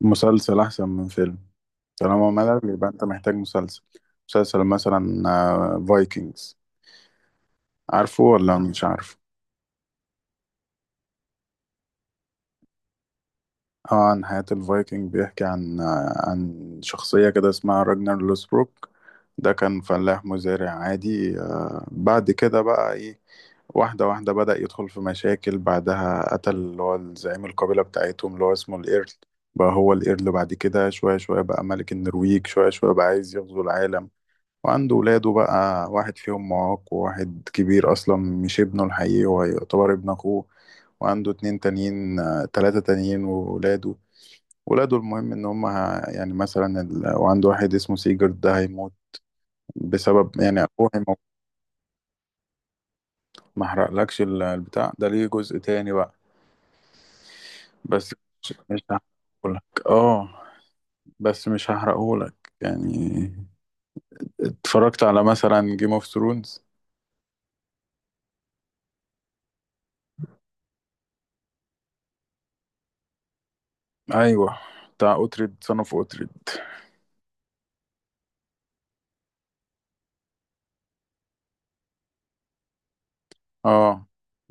مسلسل أحسن من فيلم. طالما ملل يبقى أنت محتاج مسلسل. مسلسل مثلا فايكنجز. عارفه ولا مش عارفه؟ اه، عن حياة الفايكنج بيحكي عن عن شخصية كده اسمها راجنر لوسبروك. ده كان فلاح مزارع عادي، بعد كده بقى ايه. واحدة واحدة بدأ يدخل في مشاكل، بعدها قتل اللي هو زعيم القبيلة بتاعتهم اللي هو اسمه الإيرل. بقى هو الإيرل بعد كده، شوية شوية بقى ملك النرويج، شوية شوية بقى عايز يغزو العالم. وعنده ولاده بقى، واحد فيهم معاق، وواحد كبير أصلا مش ابنه الحقيقي، هو يعتبر ابن أخوه. وعنده اتنين تانيين، تلاتة تانيين وولاده. ولاده المهم إن هم يعني مثلا وعنده واحد اسمه سيجرد ده هيموت بسبب يعني أخوه هيموت. ما أحرقلكش البتاع ده، ليه جزء تاني بقى. بس مش هحرقهولك. اه بس مش هحرقهولك يعني. اتفرجت على مثلا جيم اوف ثرونز. ايوه، بتاع اوتريد، صنف اوتريد. اه،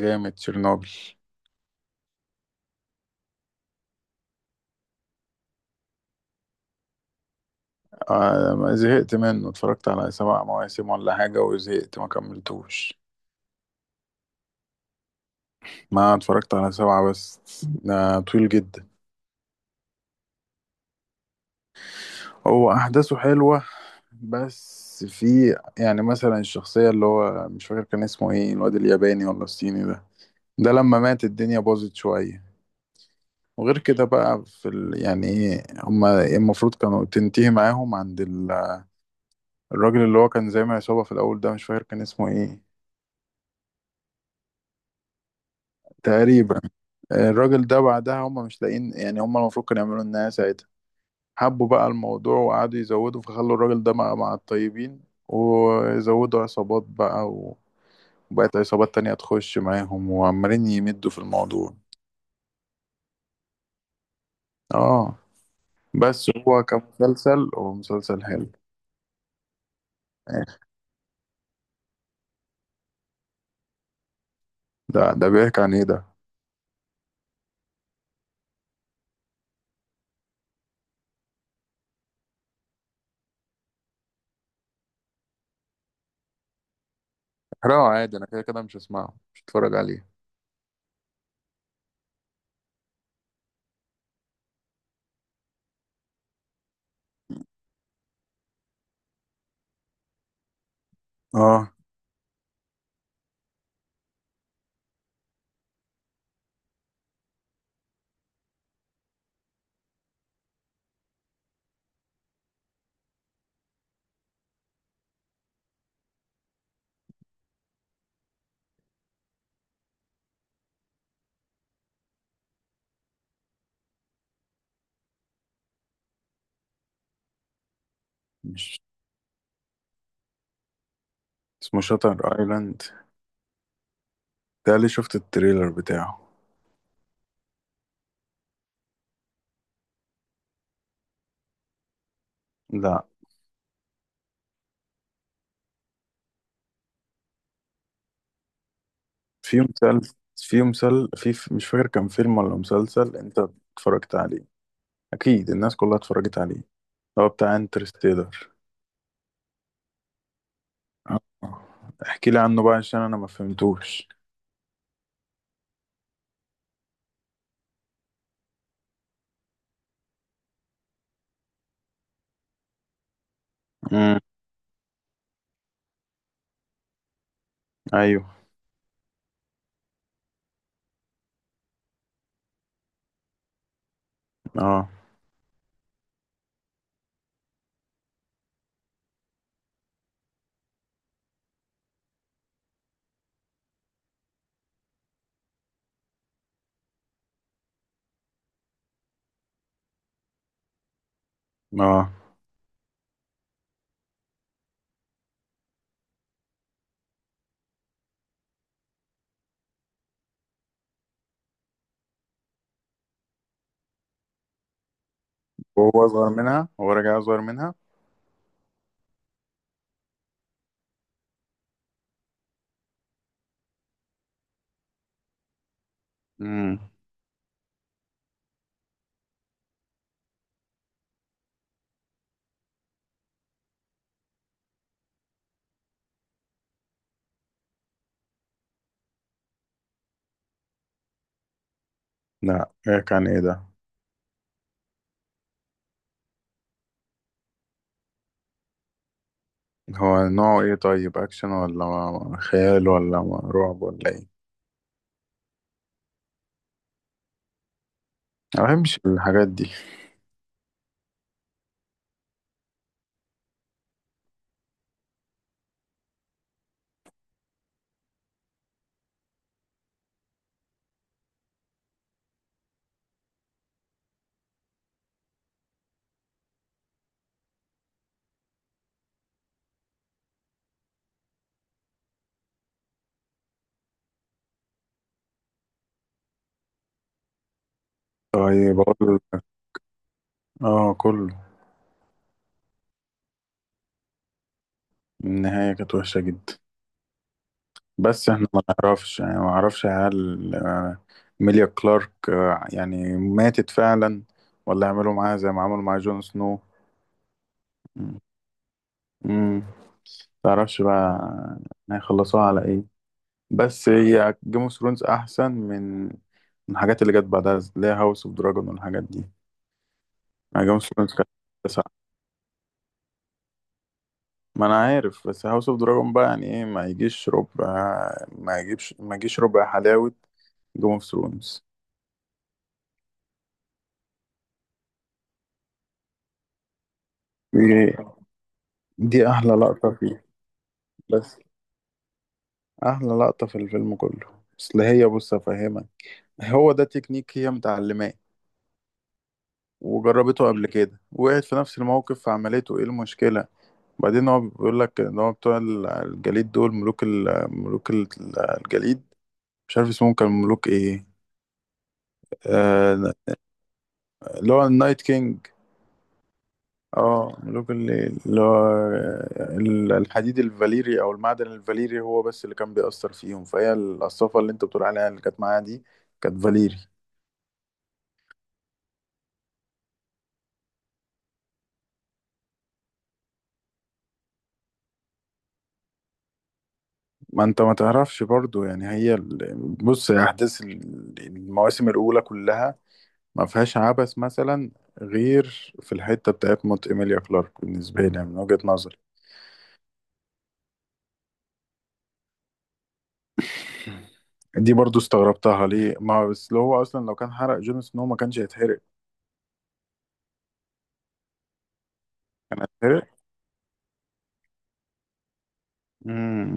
جامد تشيرنوبل. آه، ما زهقت منه، اتفرجت على سبع مواسم ولا حاجة وزهقت، ما كملتوش. ما اتفرجت على سبعة بس، ده طويل جدا. هو أحداثه حلوة، بس في يعني مثلا الشخصية اللي هو مش فاكر كان اسمه ايه، الواد الياباني ولا الصيني ده. ده لما مات الدنيا باظت شوية. وغير كده بقى في يعني ايه، هما المفروض كانوا تنتهي معاهم عند الراجل اللي هو كان زي ما عصابة في الأول ده، مش فاكر كان اسمه ايه. تقريبا. الراجل ده بعدها، هم مش لاقيين، يعني هم المفروض كانوا يعملوا النهاية ساعتها. حبوا بقى الموضوع وقعدوا يزودوا، فخلوا الراجل ده مع الطيبين، ويزودوا عصابات بقى وبقت عصابات تانية تخش معاهم، وعمالين يمدوا في الموضوع. اه، بس هو كمسلسل، هو مسلسل حلو. ده بيحكي عن ايه ده؟ احرقه عادي، انا كده كده مش هسمعه، مش هتفرج عليه. اه، مش اسمه شاتر ايلاند؟ ده اللي شفت التريلر بتاعه. لا. في مسلسل، في مسل في في- مش فاكر كان فيلم ولا مسلسل، انت اتفرجت عليه، اكيد الناس كلها اتفرجت عليه، هو بتاع انترستيلر. اه، احكي لي عنه بقى عشان انا ما فهمتوش. امم. ايوه. اه. اه. وهو اصغر منها، هو راجع اصغر منها. امم. لا، إيه كان ايه ده؟ هو نوعه ايه طيب، اكشن ولا خيال ولا رعب ولا ايه؟ ما بحبش الحاجات دي. طيب اقول لك، اه كله. النهاية كانت وحشة جدا. بس احنا ما نعرفش، يعني ما نعرفش هل ميليا كلارك يعني ماتت فعلا، ولا عملوا معاها زي ما عملوا مع جون سنو. امم. تعرفش بقى هيخلصوها على ايه. بس هي جيم اوف ثرونز احسن من الحاجات اللي جت بعدها، اللي هي هاوس اوف دراجون والحاجات دي. يعني جيم اوف ثرونز كانت تسعة. ما انا عارف، بس هاوس اوف دراجون بقى، يعني ايه، ما يجيش ربع، ما يجيش ربع حلاوة جيم اوف ثرونز. دي دي احلى لقطة فيه. بس احلى لقطة في الفيلم كله. اصل هي، بص افهمك، هو ده تكنيك هي متعلماه، وجربته قبل كده، وقعت في نفس الموقف فعملته، ايه المشكلة. بعدين هو بيقول لك ان هو بتوع الجليد دول، ملوك الجليد، مش عارف اسمهم كان ملوك ايه، آه، اللي هو النايت كينج. اه، ملوك الليل، اللي هو الحديد الفاليري او المعدن الفاليري هو بس اللي كان بيأثر فيهم، فهي القصافة اللي انت بتقول عليها اللي كانت معاها دي كانت فاليري. ما انت ما تعرفش برضو، يعني هي بص، احداث المواسم الاولى كلها ما فيهاش عبث مثلا، غير في الحته بتاعت موت ايميليا كلارك، بالنسبه لي يعني، من وجهه نظري. دي برضو استغربتها، ليه ما، بس لو هو اصلا لو كان حرق جون سنو ما كانش هيتحرق. كان هيتحرق. امم.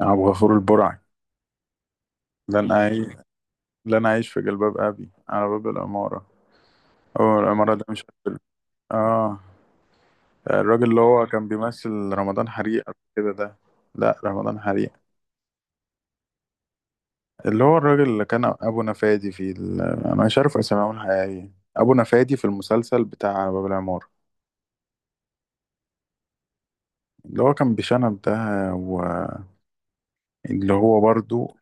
ابو غفور البرعي، لن اعيش، لن اعيش في جلباب ابي، على باب العماره. هو العماره ده مش هتحرق. اه، الراجل اللي هو كان بيمثل رمضان حريق قبل كده ده. لا رمضان حريق. اللي هو الراجل اللي كان ابو نفادي في انا مش عارف اساميهم الحقيقيه، ابو نفادي في المسلسل بتاع باب العمارة، اللي هو كان بشنب ده، واللي هو برضو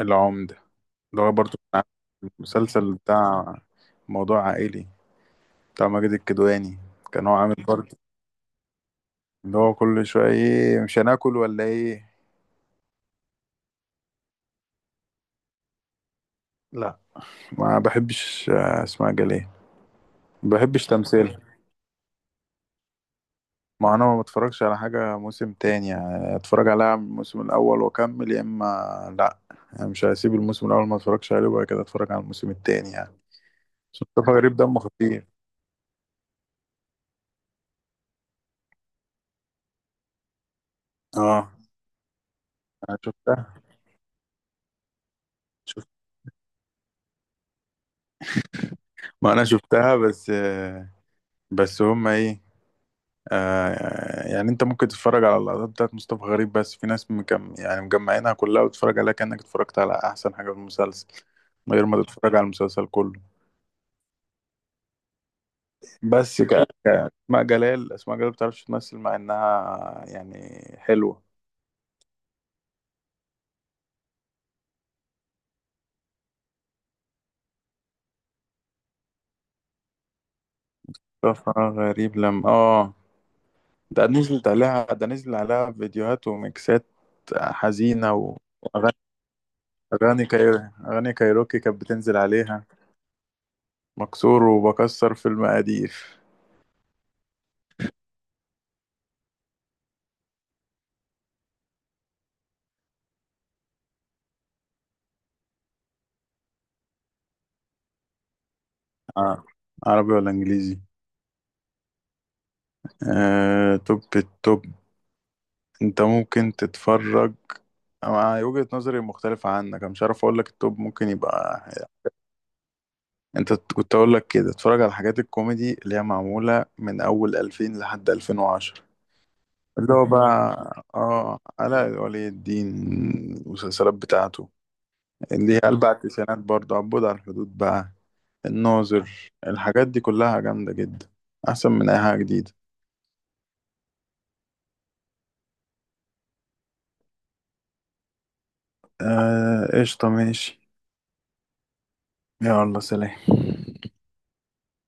العمدة. اللي هو برضو كان عامل المسلسل بتاع موضوع عائلي بتاع ماجد الكدواني. كان هو عامل برضو اللي هو كل شوية، ايه مش هناكل ولا ايه. لا، ما بحبش اسماء جلال. ما بحبش تمثيل. ما انا ما بتفرجش على حاجة موسم تاني، يعني اتفرج عليها من الموسم الاول واكمل، يا اما لا، يعني مش هسيب الموسم الاول ما اتفرجش عليه وبعد كده اتفرج على الموسم التاني يعني. مصطفى غريب دمه خفيف. اه، انا شفتها، شفت. ما انا شفتها، بس بس هما ايه. آه، يعني انت ممكن تتفرج على اللقطات بتاعت مصطفى غريب بس، في ناس يعني مجمعينها كلها وتتفرج عليها كأنك اتفرجت على احسن حاجة في المسلسل، من غير ما تتفرج على المسلسل كله. بس اسماء جلال بتعرفش تمثل، مع انها يعني حلوة. طفرة غريب لما ده نزلت عليها، ده نزل عليها فيديوهات وميكسات حزينة وأغاني. أغاني كايروكي كانت بتنزل عليها، مكسور وبكسر في المقادير. آه. عربي ولا إنجليزي؟ توب التوب. أنت ممكن تتفرج. أنا وجهة نظري مختلفة عنك، أنا مش عارف أقول لك التوب ممكن يبقى. انت كنت اقول لك كده، اتفرج على حاجات الكوميدي اللي هي معموله من اول 2000 لحد 2010، اللي هو بقى اه علاء ولي الدين، المسلسلات بتاعته اللي هي اربع التسعينات، برضه عبود على الحدود بقى، الناظر، الحاجات دي كلها جامده جدا، احسن من اي حاجه جديده. آه قشطه، ماشي. يلا سلام.